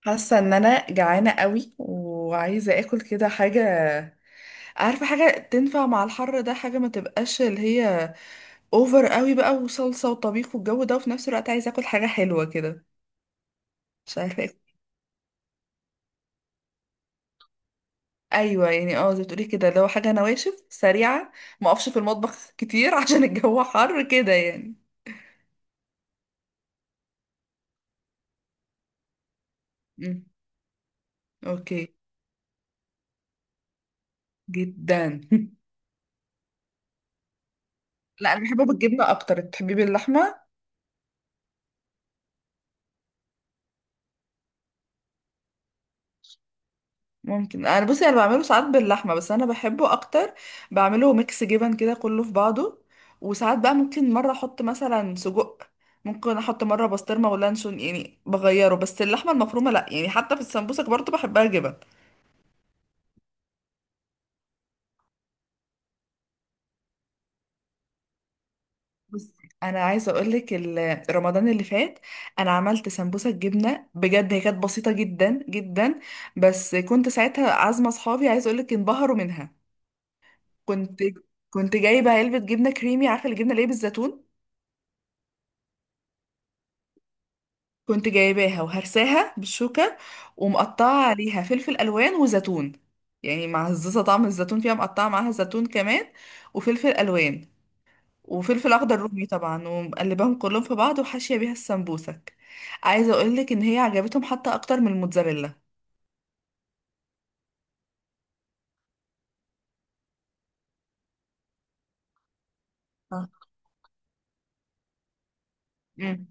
حاسه ان انا جعانه قوي وعايزه اكل كده حاجه. عارفه حاجه تنفع مع الحر ده؟ حاجه ما تبقاش اللي هي اوفر قوي بقى وصلصه وطبيخ والجو ده، وفي نفس الوقت عايزه اكل حاجه حلوه كده. مش عارفه اكل. ايوه، يعني زي ما بتقولي كده، لو حاجه نواشف سريعه ما اقفش في المطبخ كتير عشان الجو حر كده يعني. مم. اوكي. جدا لا، انا بحبه بالجبنه اكتر، بتحبيه باللحمه؟ ممكن، انا بصي انا بعمله ساعات باللحمه، بس انا بحبه اكتر. بعمله ميكس جبن كده كله في بعضه. وساعات بقى ممكن مره احط مثلا سجق، ممكن احط مره بسطرمه ولانشون، يعني بغيره بس اللحمه المفرومه لا، يعني حتى في السمبوسك برضه بحبها جبن. بصي انا عايزه اقولك رمضان اللي فات انا عملت سمبوسه جبنه، بجد هي كانت بسيطه جدا جدا. بس كنت ساعتها عازمه اصحابي، عايزه اقولك انبهروا منها. كنت كنت جايبه علبه جبنه كريمي، عارفه الجبنه اللي هي بالزيتون؟ كنت جايباها وهرساها بالشوكة، ومقطعة عليها فلفل ألوان وزيتون. يعني معززة طعم الزيتون فيها، مقطعة معاها زيتون كمان، وفلفل ألوان، وفلفل أخضر رومي طبعا، ومقلباهم كلهم في بعض وحاشية بيها السمبوسك. عايزة أقولك إن هي عجبتهم حتى أكتر من الموتزاريلا. آه. امم.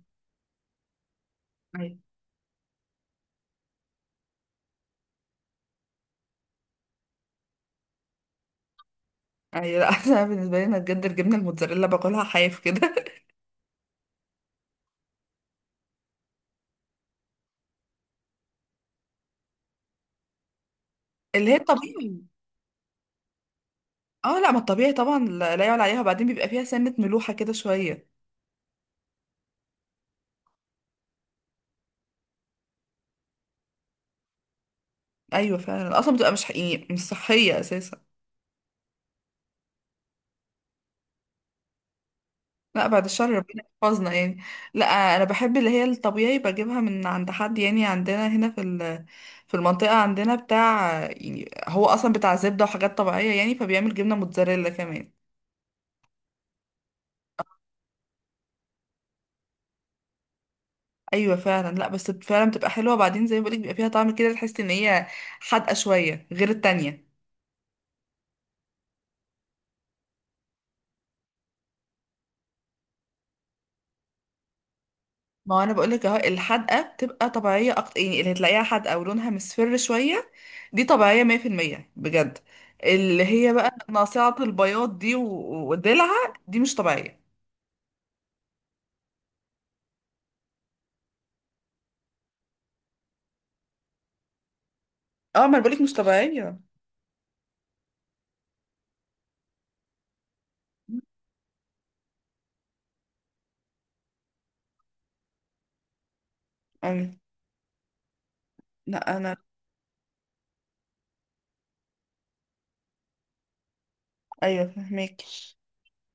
ايوه. ايوه، لا انا بالنسبه لي انا بجد الجبنه الموتزاريلا باكلها حاف كده اللي هي الطبيعي. اه، لا، ما الطبيعي طبعا، لا لا، يعلى عليها، وبعدين بيبقى فيها سنه ملوحه كده شويه. ايوه فعلا، اصلا بتبقى مش حقيقي، مش صحيه اساسا. لا بعد الشر، ربنا يحفظنا يعني. لا، انا بحب اللي هي الطبيعي، بجيبها من عند حد، يعني عندنا هنا في في المنطقه عندنا بتاع، يعني هو اصلا بتاع زبده وحاجات طبيعيه، يعني فبيعمل جبنه موتزاريلا كمان. ايوه فعلا، لا بس فعلا بتبقى حلوه، بعدين زي ما بقولك بيبقى فيها طعم كده تحس ان هي حادقه شويه غير التانية. ما هو انا بقول لك اهو، الحدقه بتبقى طبيعيه اكتر، يعني اللي هتلاقيها حدقه ولونها مصفر شويه دي طبيعيه 100% بجد. اللي هي بقى ناصعه البياض دي ودلعها دي مش طبيعيه. اه، ما انا بقول لك مش طبيعيه. أم. لا انا. ايوه فهمك.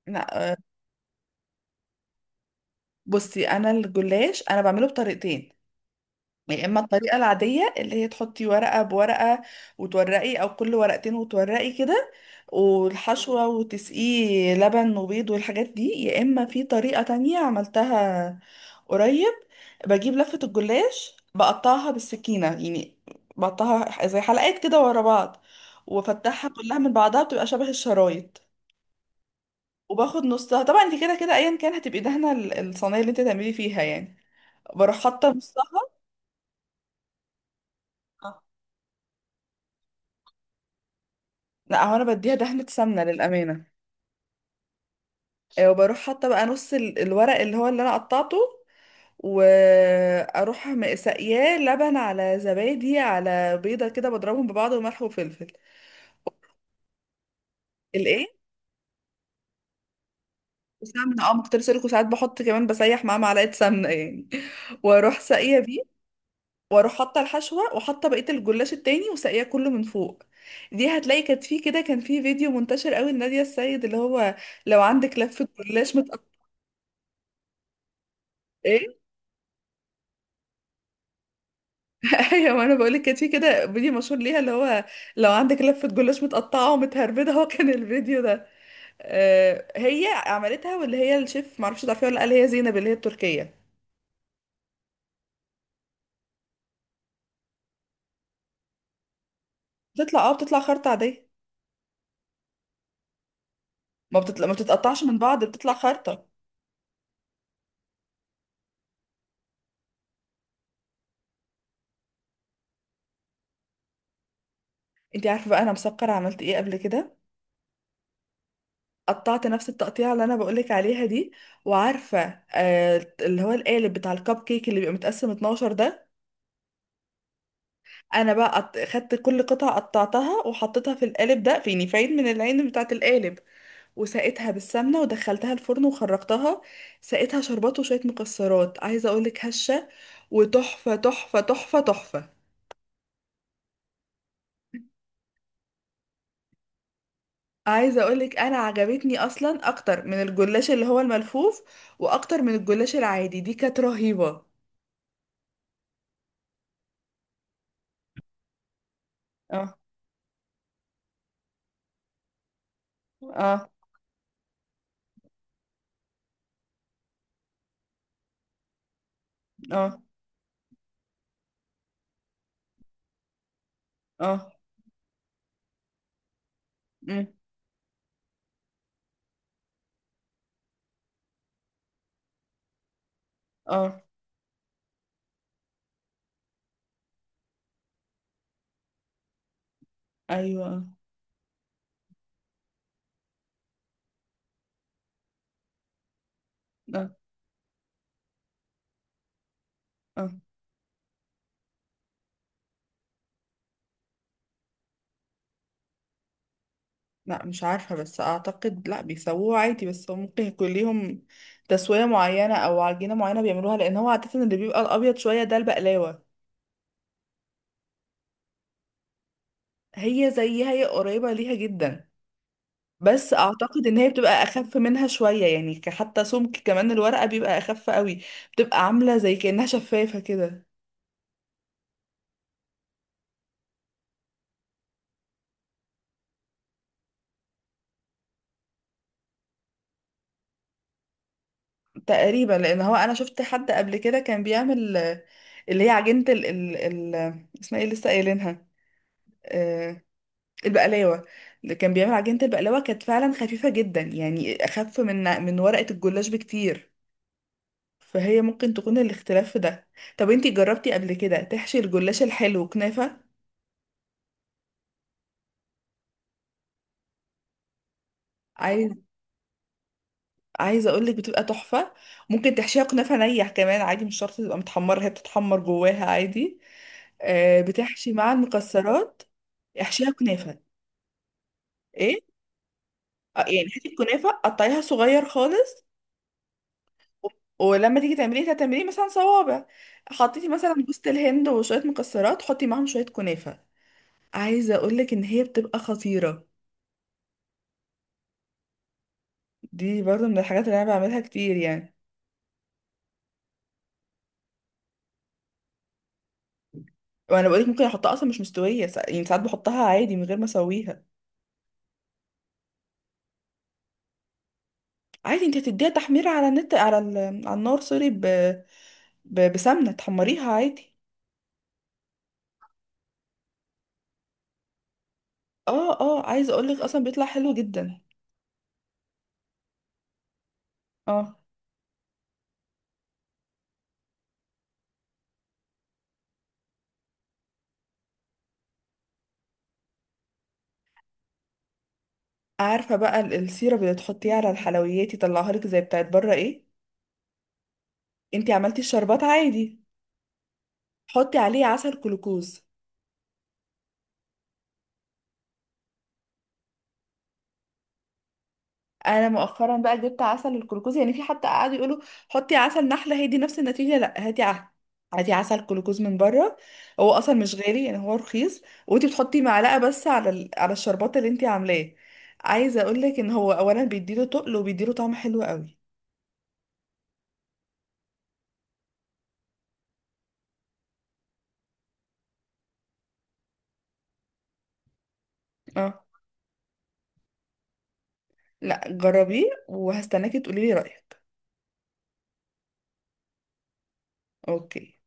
لا، آه، بصي انا الجلاش انا بعمله بطريقتين. يا اما الطريقه العاديه، اللي هي تحطي ورقه بورقه وتورقي، او كل ورقتين وتورقي كده، والحشوه، وتسقيه لبن وبيض والحاجات دي. يا اما في طريقه تانية عملتها قريب، بجيب لفه الجلاش بقطعها بالسكينه، يعني بقطعها زي حلقات كده ورا بعض، وافتحها كلها من بعضها بتبقى شبه الشرايط، وباخد نصها. طبعا انت كده كده ايا كان هتبقي دهنه الصينيه اللي انت تعملي فيها يعني. بروح حاطه نصها. لا هو انا بديها دهنة سمنة للأمانة. آه، وبروح حاطة بقى نص الورق اللي هو اللي انا قطعته، واروح ساقياه لبن على زبادي على بيضة كده، بضربهم ببعض وملح وفلفل. الايه؟ وسمنة، ما كنت لسه لكم، ساعات بحط كمان بسيح معاه معلقة سمنة يعني واروح ساقية بيه، واروح حاطة الحشوة وحاطة بقية الجلاش التاني وساقياه كله من فوق. دي هتلاقي كانت في كده، كان في فيديو منتشر قوي لنادية السيد اللي هو لو عندك لفة جلاش متقطع. ايوه، ما انا بقول لك كانت في كده فيديو مشهور ليها اللي هو لو عندك لفه جلاش متقطعه ومتهربده، هو كان الفيديو ده، آه، هي عملتها، واللي هي الشيف معرفش تعرفيها ولا لأ، اللي هي زينب اللي هي التركيه. بتطلع خرطه عاديه. ما بتطلع، ما بتتقطعش من بعض، بتطلع خرطه. انت عارفه بقى انا مسكره عملت ايه قبل كده؟ قطعت نفس التقطيعه اللي انا بقول لك عليها دي، وعارفه، آه، اللي هو القالب بتاع الكب كيك اللي بيبقى متقسم 12 ده؟ انا بقى خدت كل قطعه قطعتها وحطيتها في القالب ده، في يعني فايد من العين بتاعه القالب، وسقيتها بالسمنة ودخلتها الفرن وخرجتها، سقيتها شربات وشوية مكسرات. عايزة اقولك هشة وتحفة تحفة تحفة تحفة. عايزة اقولك انا عجبتني اصلا اكتر من الجلاش اللي هو الملفوف، واكتر من الجلاش العادي، دي كانت رهيبة. اه اه اه اه. مم، اه. ايوه، اه اه، آه. لا مش عارفة، بس اعتقد لا بيسووه عادي، بس هو ممكن يكون ليهم تسوية معينة او عجينة معينة بيعملوها، لان هو عادة اللي بيبقى الابيض شوية ده البقلاوة. هي زيها، هي قريبة ليها جدا، بس اعتقد ان هي بتبقى اخف منها شوية، يعني حتى سمك كمان الورقة بيبقى اخف قوي، بتبقى عاملة زي كأنها شفافة كده. تقريبا، لان هو انا شفت حد قبل كده كان بيعمل، آه، اللي هي عجينة ال، اسمها ايه لسه قايلينها، آه، البقلاوة. اللي كان بيعمل عجينة البقلاوة كانت فعلا خفيفة جدا، يعني اخف من ورقة الجلاش بكتير، فهي ممكن تكون الاختلاف في ده. طب انتي جربتي قبل كده تحشي الجلاش الحلو كنافة؟ عايز عايزه اقول لك بتبقى تحفه. ممكن تحشيها كنافه نيح كمان عادي، مش شرط تبقى متحمره، هي بتتحمر جواها عادي، آه، بتحشي مع المكسرات. احشيها كنافه. ايه؟ آه، يعني هاتي الكنافه قطعيها صغير خالص، و- ولما تيجي تعمليه هتعمليه مثلا صوابع، حطيتي مثلا جوز الهند وشويه مكسرات، حطي معاهم شويه كنافه. عايزه اقول لك ان هي بتبقى خطيره. دي برضه من الحاجات اللي انا بعملها كتير يعني. وانا بقولك ممكن احطها اصلا مش مستويه، يعني ساعات بحطها عادي من غير ما اسويها. عادي، انت هتديها تحميرة على النار، سوري، بسمنة تحمريها عادي. اه اه، عايزة اقولك اصلا بيطلع حلو جدا. اه. عارفة بقى السيرب اللي تحطيه على الحلويات يطلعها لك زي بتاعت بره ايه؟ انت عملتي الشربات عادي، حطي عليه عسل جلوكوز. انا مؤخرا بقى جبت عسل الجلوكوز، يعني في حتى قعدوا يقولوا حطي عسل نحله هي دي نفس النتيجه، لا، هاتي عسل، هاتي عسل جلوكوز من بره، هو اصلا مش غالي يعني، هو رخيص. وانتي بتحطي معلقه بس على على الشربات اللي انتي عاملاه. عايزه اقول لك ان هو اولا بيديله تقل، وبيديله طعم حلو قوي. اه. لا جربيه، وهستناكي تقولي لي رايك. اوكي.